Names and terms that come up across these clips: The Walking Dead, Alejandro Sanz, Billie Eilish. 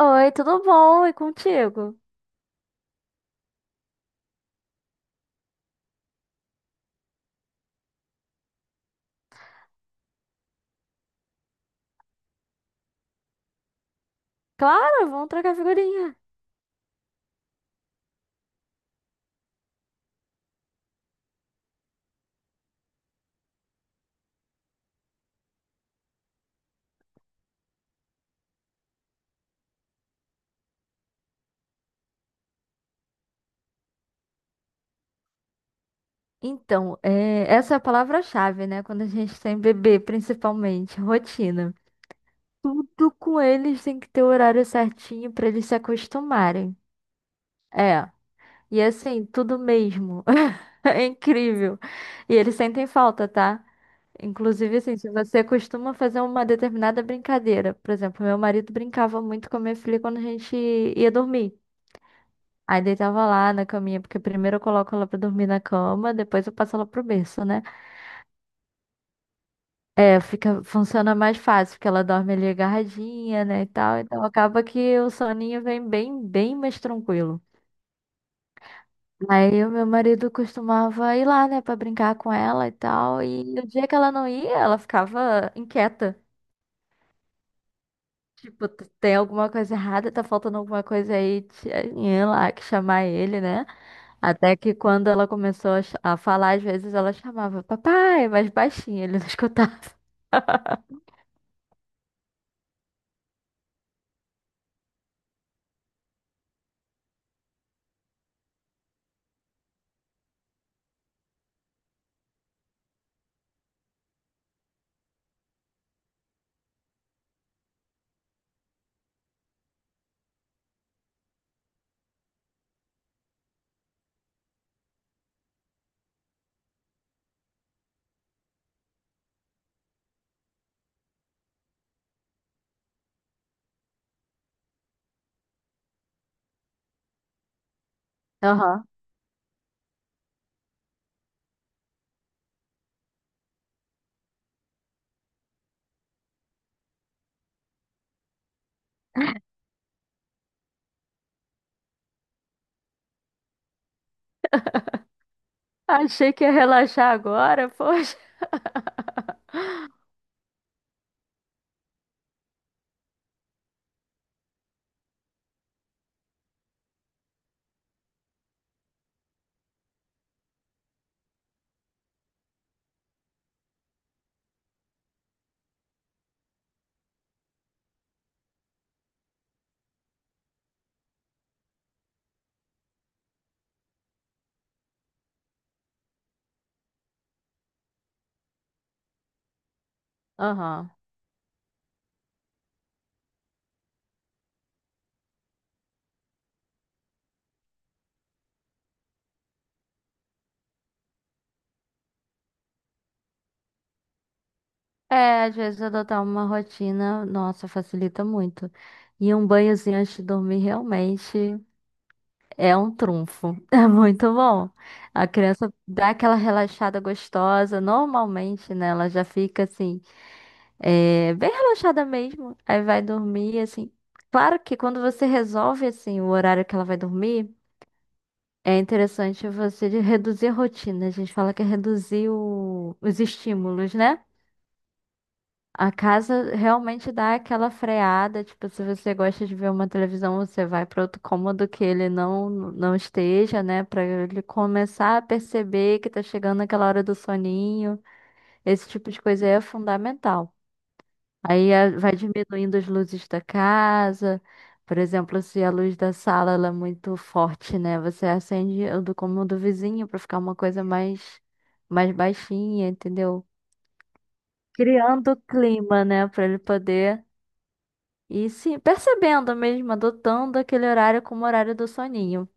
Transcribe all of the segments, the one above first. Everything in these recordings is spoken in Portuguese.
Oi, tudo bom? E contigo? Claro, vamos trocar figurinha. Então, é, essa é a palavra-chave, né? Quando a gente tem bebê, principalmente, rotina. Tudo com eles tem que ter o horário certinho pra eles se acostumarem. É, e assim, tudo mesmo. É incrível. E eles sentem falta, tá? Inclusive, assim, se você costuma fazer uma determinada brincadeira, por exemplo, meu marido brincava muito com a minha filha quando a gente ia dormir. Aí deitava lá na caminha, porque primeiro eu coloco ela pra dormir na cama, depois eu passo ela pro berço, né? É, fica, funciona mais fácil, porque ela dorme ali agarradinha, né, e tal. Então acaba que o soninho vem bem, bem mais tranquilo. Aí o meu marido costumava ir lá, né, pra brincar com ela e tal. E no dia que ela não ia, ela ficava inquieta. Tipo, tem alguma coisa errada, tá faltando alguma coisa aí, tinha lá que chamar ele, né? Até que quando ela começou a, a falar, às vezes ela chamava papai, mas baixinho, ele não escutava. Aham. Achei que ia relaxar agora, poxa. Aham. É, às vezes adotar uma rotina, nossa, facilita muito. E um banhozinho antes de dormir realmente. É um trunfo. É muito bom. A criança dá aquela relaxada gostosa. Normalmente, né? Ela já fica assim, é, bem relaxada mesmo. Aí vai dormir, assim. Claro que quando você resolve, assim, o horário que ela vai dormir, é interessante você reduzir a rotina. A gente fala que é reduzir os estímulos, né? A casa realmente dá aquela freada, tipo, se você gosta de ver uma televisão, você vai para outro cômodo que ele não esteja, né, para ele começar a perceber que tá chegando aquela hora do soninho. Esse tipo de coisa aí é fundamental. Aí vai diminuindo as luzes da casa. Por exemplo, se a luz da sala ela é muito forte, né, você acende o do cômodo vizinho para ficar uma coisa mais baixinha, entendeu? Criando o clima, né, para ele poder. E sim, percebendo mesmo, adotando aquele horário como horário do soninho.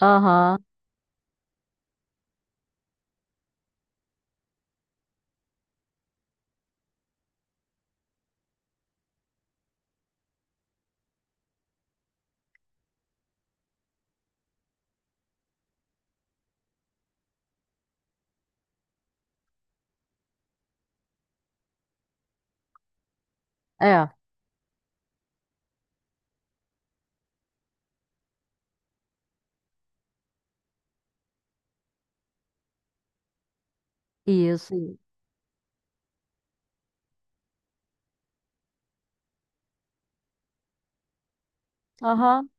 Aham, é, isso. Aham,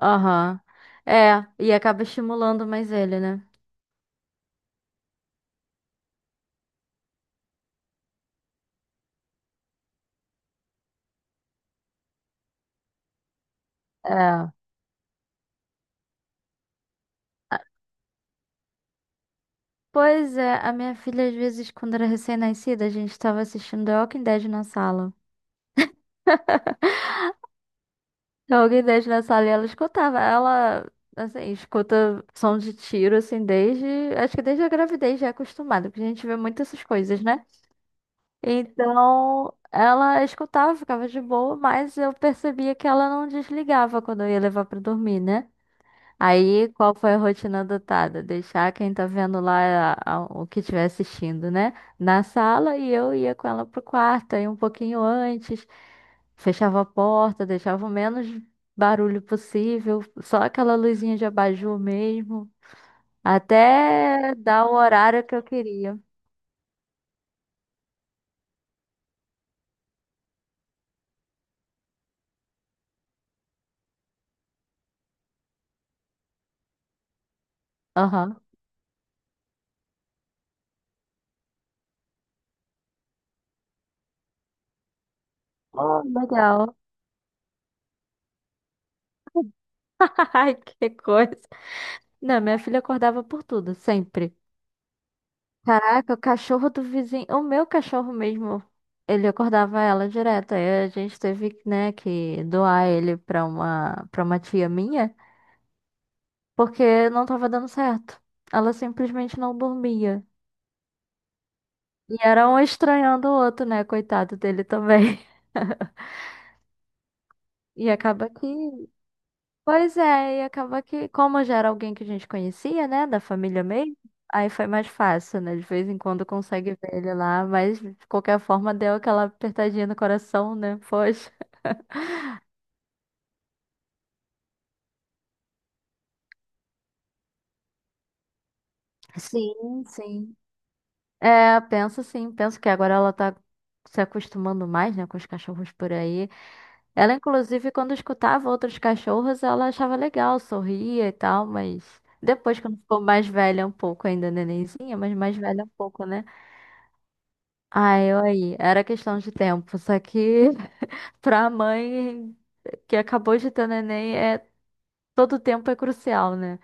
aham. É, e acaba estimulando mais ele, né? É. Pois é, a minha filha, às vezes, quando era recém-nascida, a gente estava assistindo The Walking Dead na sala. The Walking Dead na sala e ela escutava. Ela, assim, escuta som de tiro, assim, desde. Acho que desde a gravidez já é acostumada, porque a gente vê muito essas coisas, né? Então, ela escutava, ficava de boa, mas eu percebia que ela não desligava quando eu ia levar pra dormir, né? Aí, qual foi a rotina adotada? Deixar quem tá vendo lá o que estiver assistindo, né? Na sala e eu ia com ela pro quarto, aí um pouquinho antes, fechava a porta, deixava o menos barulho possível, só aquela luzinha de abajur mesmo, até dar o horário que eu queria. Aham. Oh, legal. Ai, que coisa. Não, minha filha acordava por tudo, sempre. Caraca, o cachorro do vizinho, o meu cachorro mesmo, ele acordava ela direto. Aí a gente teve, né, que doar ele pra uma tia minha, porque não tava dando certo. Ela simplesmente não dormia. E era um estranhando o outro, né, coitado dele também. E acaba que Pois é, e acaba que, como já era alguém que a gente conhecia, né, da família mesmo, aí foi mais fácil, né? De vez em quando consegue ver ele lá, mas de qualquer forma deu aquela apertadinha no coração, né? Poxa. Sim, sim. É, penso sim, penso que agora ela tá se acostumando mais, né, com os cachorros por aí. Ela, inclusive, quando escutava outros cachorros, ela achava legal, sorria e tal, mas depois, quando ficou mais velha um pouco, ainda nenenzinha, mas mais velha um pouco, né? Ah, eu aí. Era questão de tempo. Só que pra mãe que acabou de ter neném, é, todo tempo é crucial, né?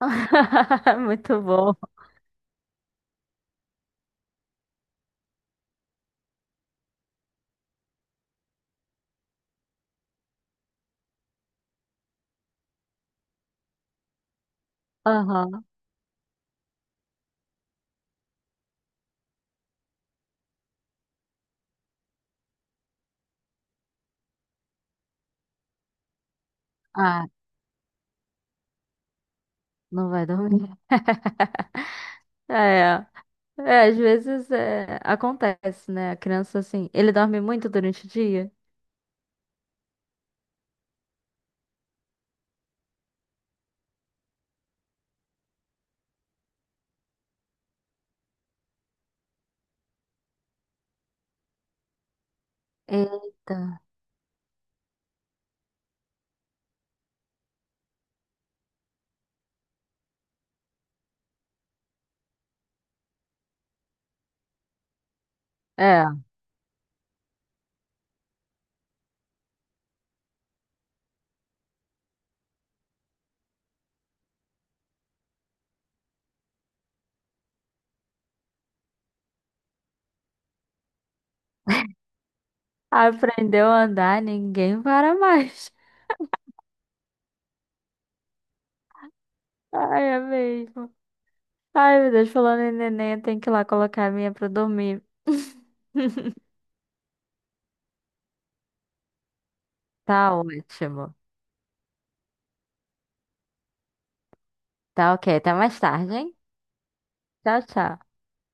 Muito bom. Aham. Ah, não vai dormir. É. É, às vezes é, acontece, né? A criança assim, ele dorme muito durante o dia. Eita. É. Aprendeu a andar, ninguém para mais. Ai, é mesmo. Ai, meu Deus, falando em neném, eu tenho que ir lá colocar a minha pra dormir. Tá ótimo. Tá ok. Até mais tarde, hein? Tchau, tchau.